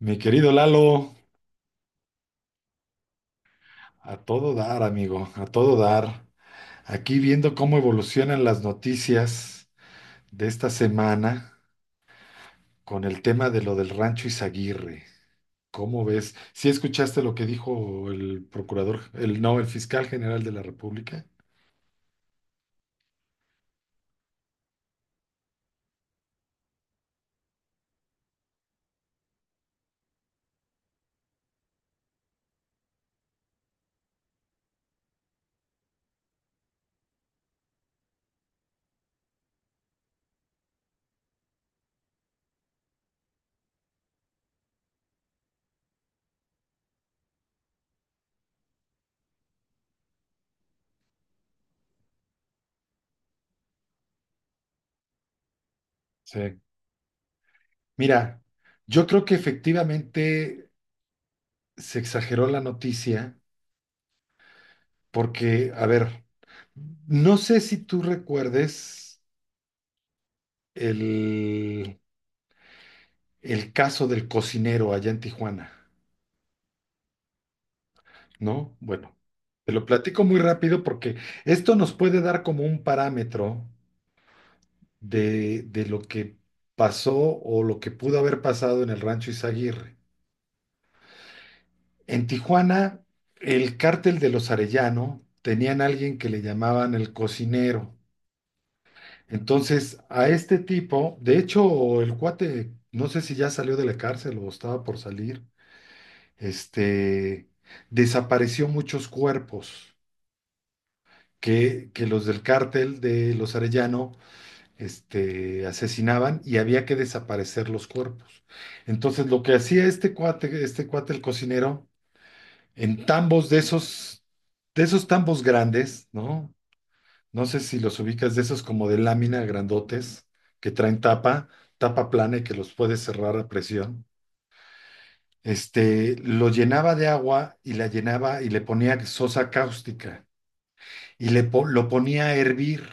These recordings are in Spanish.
Mi querido Lalo, a todo dar, amigo, a todo dar. Aquí viendo cómo evolucionan las noticias de esta semana con el tema de lo del rancho Izaguirre. ¿Cómo ves? ¿Sí escuchaste lo que dijo el procurador, el no, el fiscal general de la República? Sí. Mira, yo creo que efectivamente se exageró la noticia porque, a ver, no sé si tú recuerdes el el caso del cocinero allá en Tijuana, ¿no? Bueno, te lo platico muy rápido porque esto nos puede dar como un parámetro de lo que pasó o lo que pudo haber pasado en el rancho Izaguirre. En Tijuana, el cártel de los Arellano tenían a alguien que le llamaban el cocinero. Entonces, a este tipo, de hecho, el cuate, no sé si ya salió de la cárcel o estaba por salir, este, desapareció muchos cuerpos. Que los del cártel de los Arellano asesinaban y había que desaparecer los cuerpos. Entonces, lo que hacía este cuate el cocinero, en tambos de esos, tambos grandes, ¿no? No sé si los ubicas, de esos como de lámina grandotes que traen tapa, tapa plana y que los puedes cerrar a presión. Lo llenaba de agua y la llenaba y le ponía sosa cáustica y lo ponía a hervir.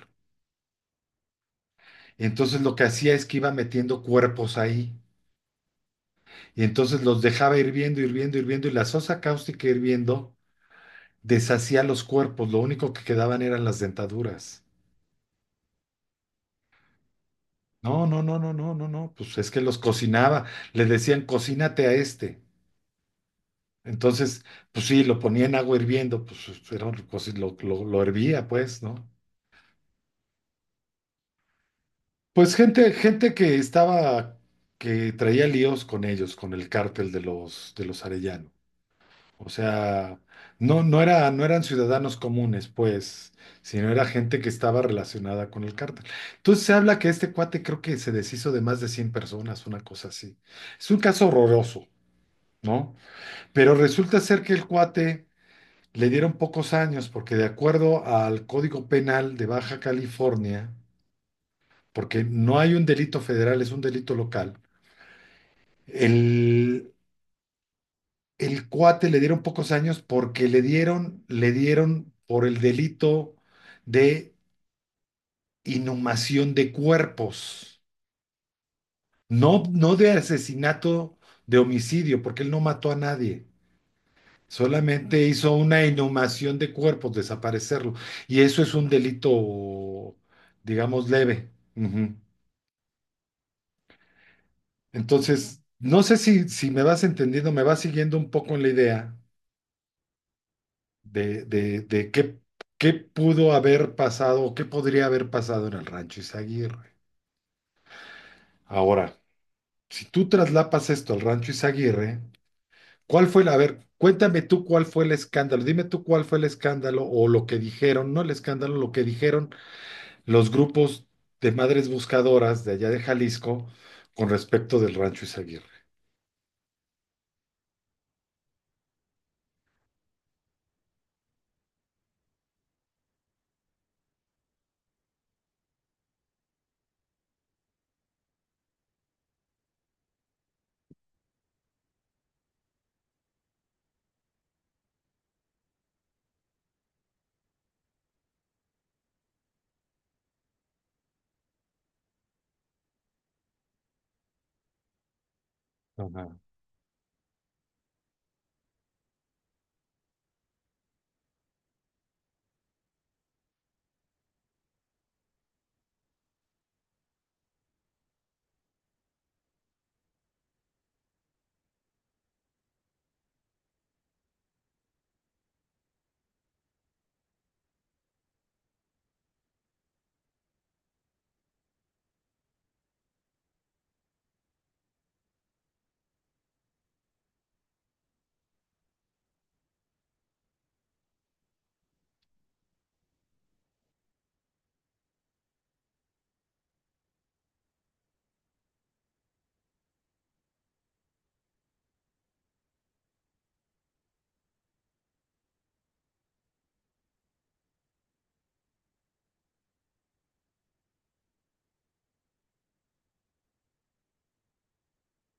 Entonces lo que hacía es que iba metiendo cuerpos ahí. Y entonces los dejaba hirviendo, hirviendo, hirviendo. Y la sosa cáustica hirviendo deshacía los cuerpos. Lo único que quedaban eran las dentaduras. No, no, no, no, no, no, no. Pues es que los cocinaba. Le decían, cocínate a este. Entonces, pues sí, lo ponía en agua hirviendo. Pues pues, era un coci- lo hervía, pues, ¿no? Pues gente, gente que estaba, que traía líos con ellos, con el cártel de los arellanos. O sea, no eran ciudadanos comunes, pues, sino era gente que estaba relacionada con el cártel. Entonces se habla que este cuate creo que se deshizo de más de 100 personas, una cosa así. Es un caso horroroso, ¿no? Pero resulta ser que el cuate le dieron pocos años, porque de acuerdo al Código Penal de Baja California, porque no hay un delito federal, es un delito local, el, el cuate le dieron pocos años porque le dieron por el delito de inhumación de cuerpos, no de asesinato, de homicidio, porque él no mató a nadie. Solamente hizo una inhumación de cuerpos, desaparecerlo. Y eso es un delito, digamos, leve. Ujú. Entonces, no sé si, me vas entendiendo, me vas siguiendo un poco en la idea, de qué pudo haber pasado o qué podría haber pasado en el rancho Izaguirre. Ahora, si tú traslapas esto al rancho Izaguirre, ¿cuál fue a ver, cuéntame tú cuál fue el escándalo, dime tú cuál fue el escándalo o lo que dijeron, no el escándalo, lo que dijeron los grupos de madres buscadoras de allá de Jalisco con respecto del rancho Izaguirre? Ajá,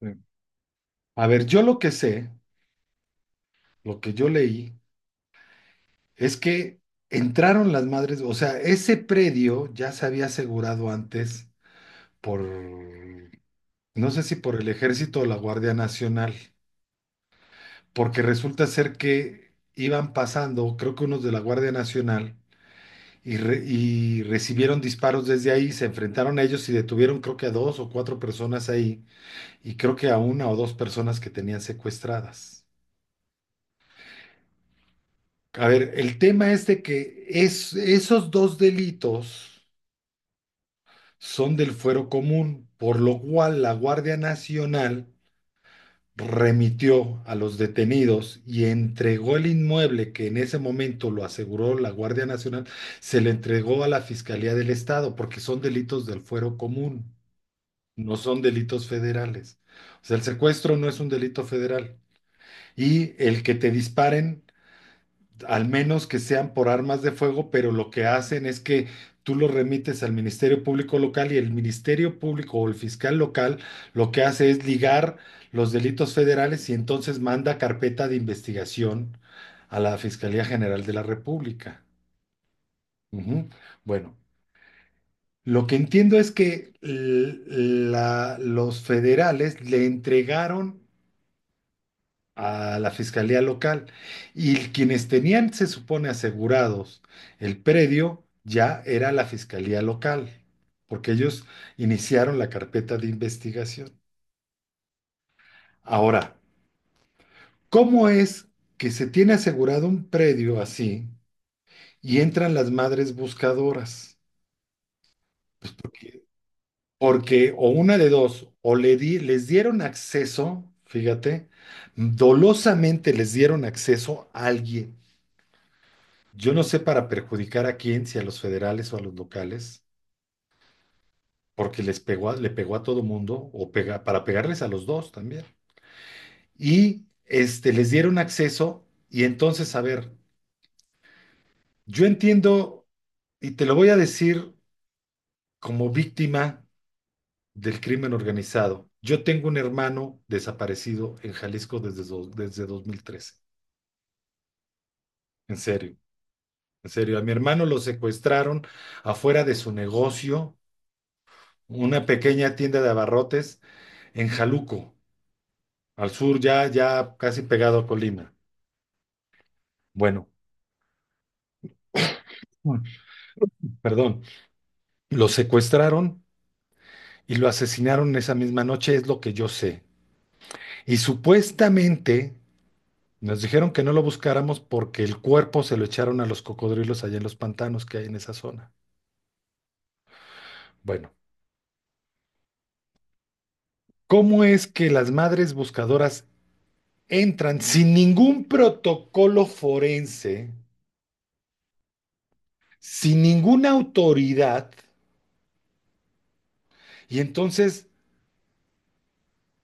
sí. A ver, yo lo que sé, lo que yo leí, es que entraron las madres, o sea, ese predio ya se había asegurado antes por, no sé si por el ejército o la Guardia Nacional, porque resulta ser que iban pasando, creo que unos de la Guardia Nacional, y, y recibieron disparos desde ahí, se enfrentaron a ellos y detuvieron creo que a dos o cuatro personas ahí, y creo que a una o dos personas que tenían secuestradas. A ver, el tema es de que esos dos delitos son del fuero común, por lo cual la Guardia Nacional remitió a los detenidos y entregó el inmueble que en ese momento lo aseguró la Guardia Nacional, se le entregó a la Fiscalía del Estado, porque son delitos del fuero común, no son delitos federales. O sea, el secuestro no es un delito federal. Y el que te disparen al menos que sean por armas de fuego, pero lo que hacen es que tú lo remites al Ministerio Público local y el Ministerio Público o el fiscal local lo que hace es ligar los delitos federales y entonces manda carpeta de investigación a la Fiscalía General de la República. Ujú. Bueno, lo que entiendo es que los federales le entregaron a la fiscalía local. Y quienes tenían, se supone, asegurados el predio, ya era la fiscalía local, porque ellos iniciaron la carpeta de investigación. Ahora, ¿cómo es que se tiene asegurado un predio así y entran las madres buscadoras? Porque o una de dos, o les dieron acceso, fíjate, dolosamente les dieron acceso a alguien. Yo no sé para perjudicar a quién, si a los federales o a los locales, porque le pegó a todo mundo, o para pegarles a los dos también. Y les dieron acceso, y entonces, a ver, yo entiendo, y te lo voy a decir como víctima del crimen organizado. Yo tengo un hermano desaparecido en Jalisco desde, desde 2013. En serio, en serio. A mi hermano lo secuestraron afuera de su negocio, una pequeña tienda de abarrotes en Jaluco, al sur, ya, casi pegado a Colima. Bueno, Mm. perdón, lo secuestraron y lo asesinaron esa misma noche, es lo que yo sé. Y supuestamente nos dijeron que no lo buscáramos porque el cuerpo se lo echaron a los cocodrilos allá en los pantanos que hay en esa zona. Bueno, ¿cómo es que las madres buscadoras entran sin ningún protocolo forense, sin ninguna autoridad, y entonces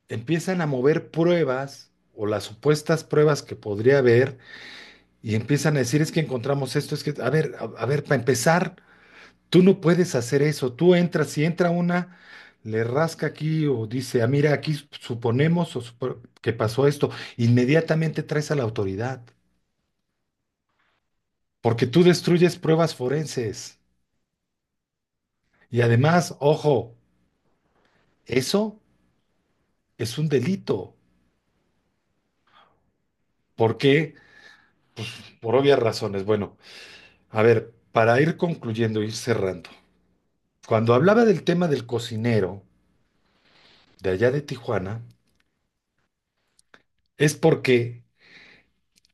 empiezan a mover pruebas o las supuestas pruebas que podría haber y empiezan a decir es que encontramos esto, es que, a ver, a ver, para empezar, tú no puedes hacer eso? Tú entras, si entra una, le rasca aquí o dice, ah, mira, aquí suponemos o que pasó esto, inmediatamente traes a la autoridad, porque tú destruyes pruebas forenses. Y además, ojo, eso es un delito. ¿Por qué? Por obvias razones. Bueno, a ver, para ir concluyendo, ir cerrando. Cuando hablaba del tema del cocinero de allá de Tijuana, es porque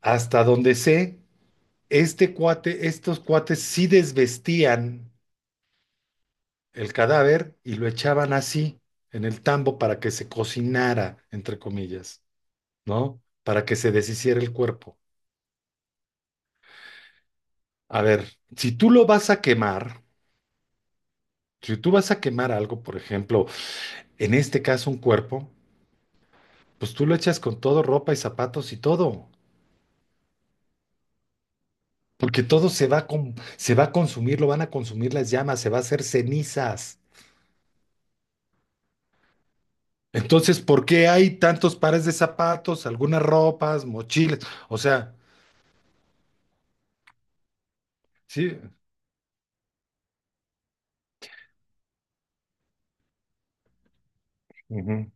hasta donde sé, estos cuates sí desvestían el cadáver y lo echaban así en el tambo para que se cocinara, entre comillas, ¿no? Para que se deshiciera el cuerpo. A ver, si tú lo vas a quemar, si tú vas a quemar algo, por ejemplo, en este caso un cuerpo, pues tú lo echas con todo, ropa y zapatos y todo. Porque todo se va a consumir, lo van a consumir las llamas, se va a hacer cenizas. Entonces, ¿por qué hay tantos pares de zapatos, algunas ropas, mochilas? O sea, sí, ujú.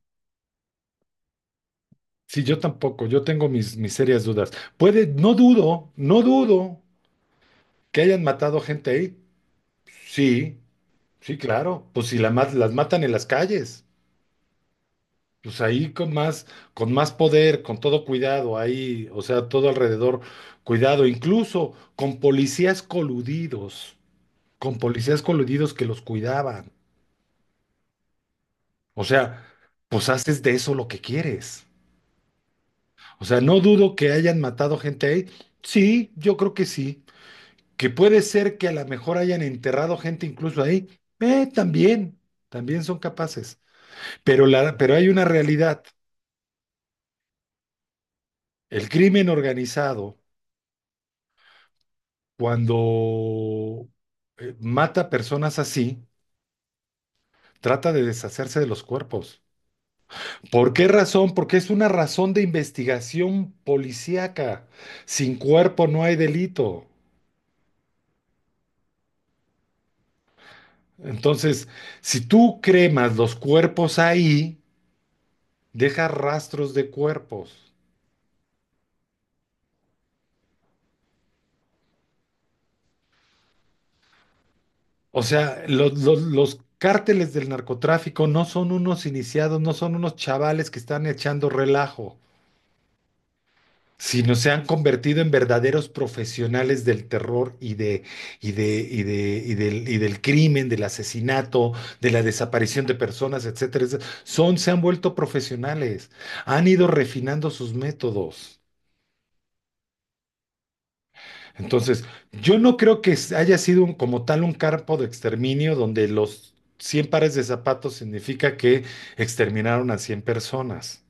Sí, yo tampoco, yo tengo mis serias dudas. Puede, no dudo, no dudo que hayan matado gente ahí. Sí, sí, claro. Pues si las matan en las calles. Pues ahí con más poder, con todo cuidado, ahí, o sea, todo alrededor, cuidado, incluso con policías coludidos que los cuidaban. O sea, pues haces de eso lo que quieres. O sea, no dudo que hayan matado gente ahí. Sí, yo creo que sí. Que puede ser que a lo mejor hayan enterrado gente incluso ahí. También, también son capaces. Pero hay una realidad. El crimen organizado cuando mata personas así, trata de deshacerse de los cuerpos. ¿Por qué razón? Porque es una razón de investigación policíaca. Sin cuerpo no hay delito. Entonces, si tú cremas los cuerpos ahí, deja rastros de cuerpos. O sea, los, los cárteles del narcotráfico no son unos iniciados, no son unos chavales que están echando relajo, sino se han convertido en verdaderos profesionales del terror y de, y del crimen, del asesinato, de la desaparición de personas, etcétera, etcétera. Se han vuelto profesionales, han ido refinando sus métodos. Entonces, yo no creo que haya sido como tal un campo de exterminio donde los 100 pares de zapatos significa que exterminaron a 100 personas.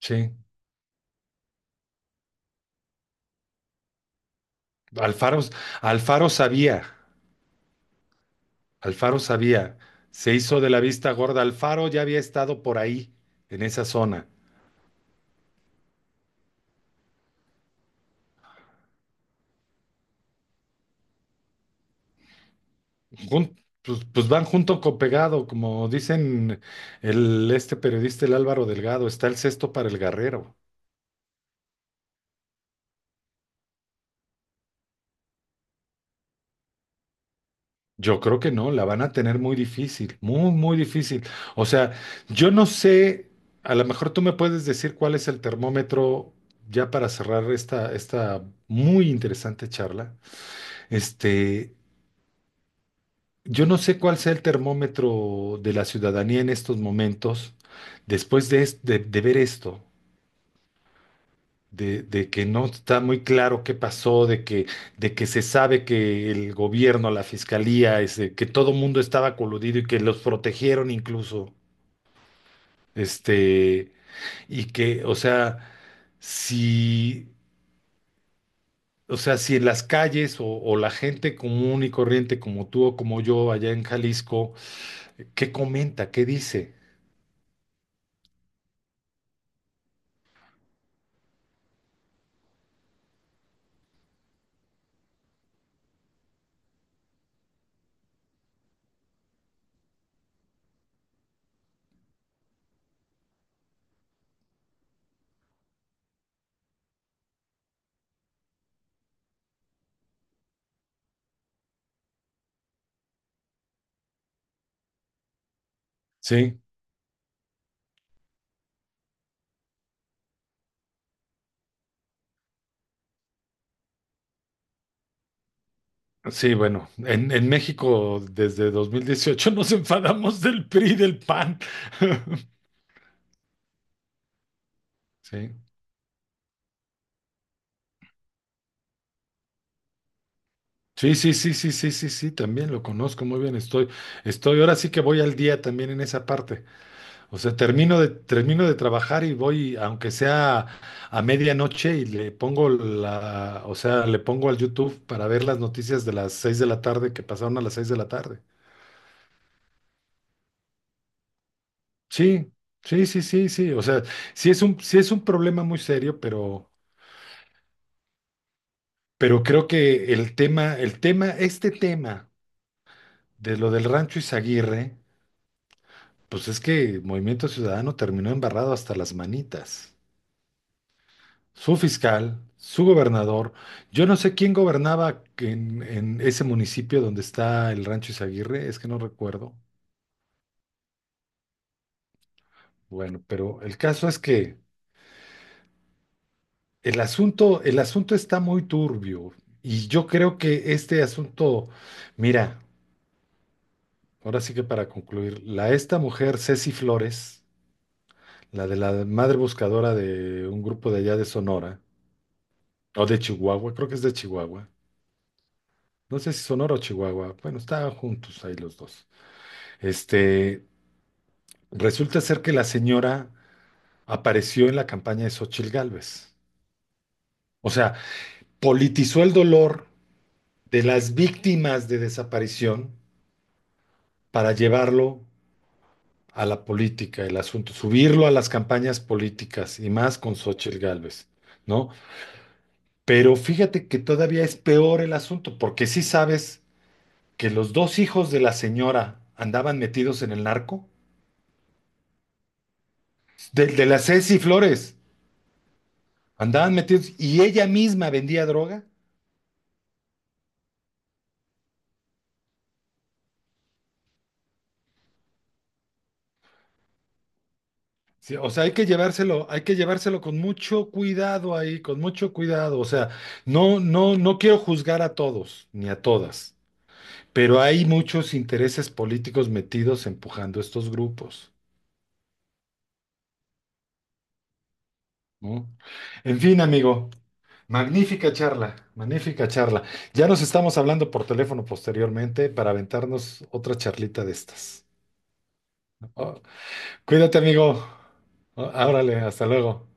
Sí. Alfaro, Alfaro sabía. Alfaro sabía, se hizo de la vista gorda. Alfaro ya había estado por ahí, en esa zona. Jun- pues van junto con pegado, como dicen este periodista, el Álvaro Delgado, está el cesto para el guerrero. Yo creo que no, la van a tener muy difícil, muy, muy difícil. O sea, yo no sé, a lo mejor tú me puedes decir cuál es el termómetro ya para cerrar esta, muy interesante charla. Este, Yo no sé cuál sea el termómetro de la ciudadanía en estos momentos, después de, de ver esto, de que no está muy claro qué pasó, de que se sabe que el gobierno, la fiscalía, que todo mundo estaba coludido y que los protegieron incluso, este, o sea, si, si en las calles o la gente común y corriente como tú o como yo allá en Jalisco, ¿qué comenta? ¿Qué dice? Sí. Sí, bueno, en México desde 2018 nos enfadamos del PRI y del PAN. Sí. Sí, sí, sí, sí, sí, sí, sí, también lo conozco muy bien. Ahora sí que voy al día también en esa parte. O sea, termino de trabajar y voy, aunque sea a medianoche, y le pongo o sea, le pongo al YouTube para ver las noticias de las seis de la tarde que pasaron a las seis de la tarde. Sí, sí, sí, sí, sí. O sea, sí es un problema muy serio, pero creo que el tema, este tema de lo del Rancho Izaguirre, pues es que Movimiento Ciudadano terminó embarrado hasta las manitas. Su fiscal, su gobernador, yo no sé quién gobernaba en ese municipio donde está el Rancho Izaguirre, es que no recuerdo. Bueno, pero el caso es que el asunto está muy turbio y yo creo que este asunto, mira, ahora sí que para concluir, la esta mujer Ceci Flores, la de la madre buscadora de un grupo de allá de Sonora, o de Chihuahua, creo que es de Chihuahua. No sé si Sonora o Chihuahua. Bueno, estaban juntos ahí los dos. Este, resulta ser que la señora apareció en la campaña de Xóchitl Gálvez. O sea, politizó el dolor de las víctimas de desaparición para llevarlo a la política, el asunto, subirlo a las campañas políticas y más con Xóchitl Gálvez, ¿no? Pero fíjate que todavía es peor el asunto, porque sí sabes que los dos hijos de la señora andaban metidos en el narco, de la Ceci Flores, andaban metidos y ella misma vendía droga. Sí, o sea, hay que llevárselo con mucho cuidado ahí, con mucho cuidado. O sea, no, no, no quiero juzgar a todos ni a todas, pero hay muchos intereses políticos metidos empujando estos grupos, ¿no? En fin, amigo. Magnífica charla, magnífica charla. Ya nos estamos hablando por teléfono posteriormente para aventarnos otra charlita de estas. Oh, cuídate, amigo. Oh, órale, hasta luego.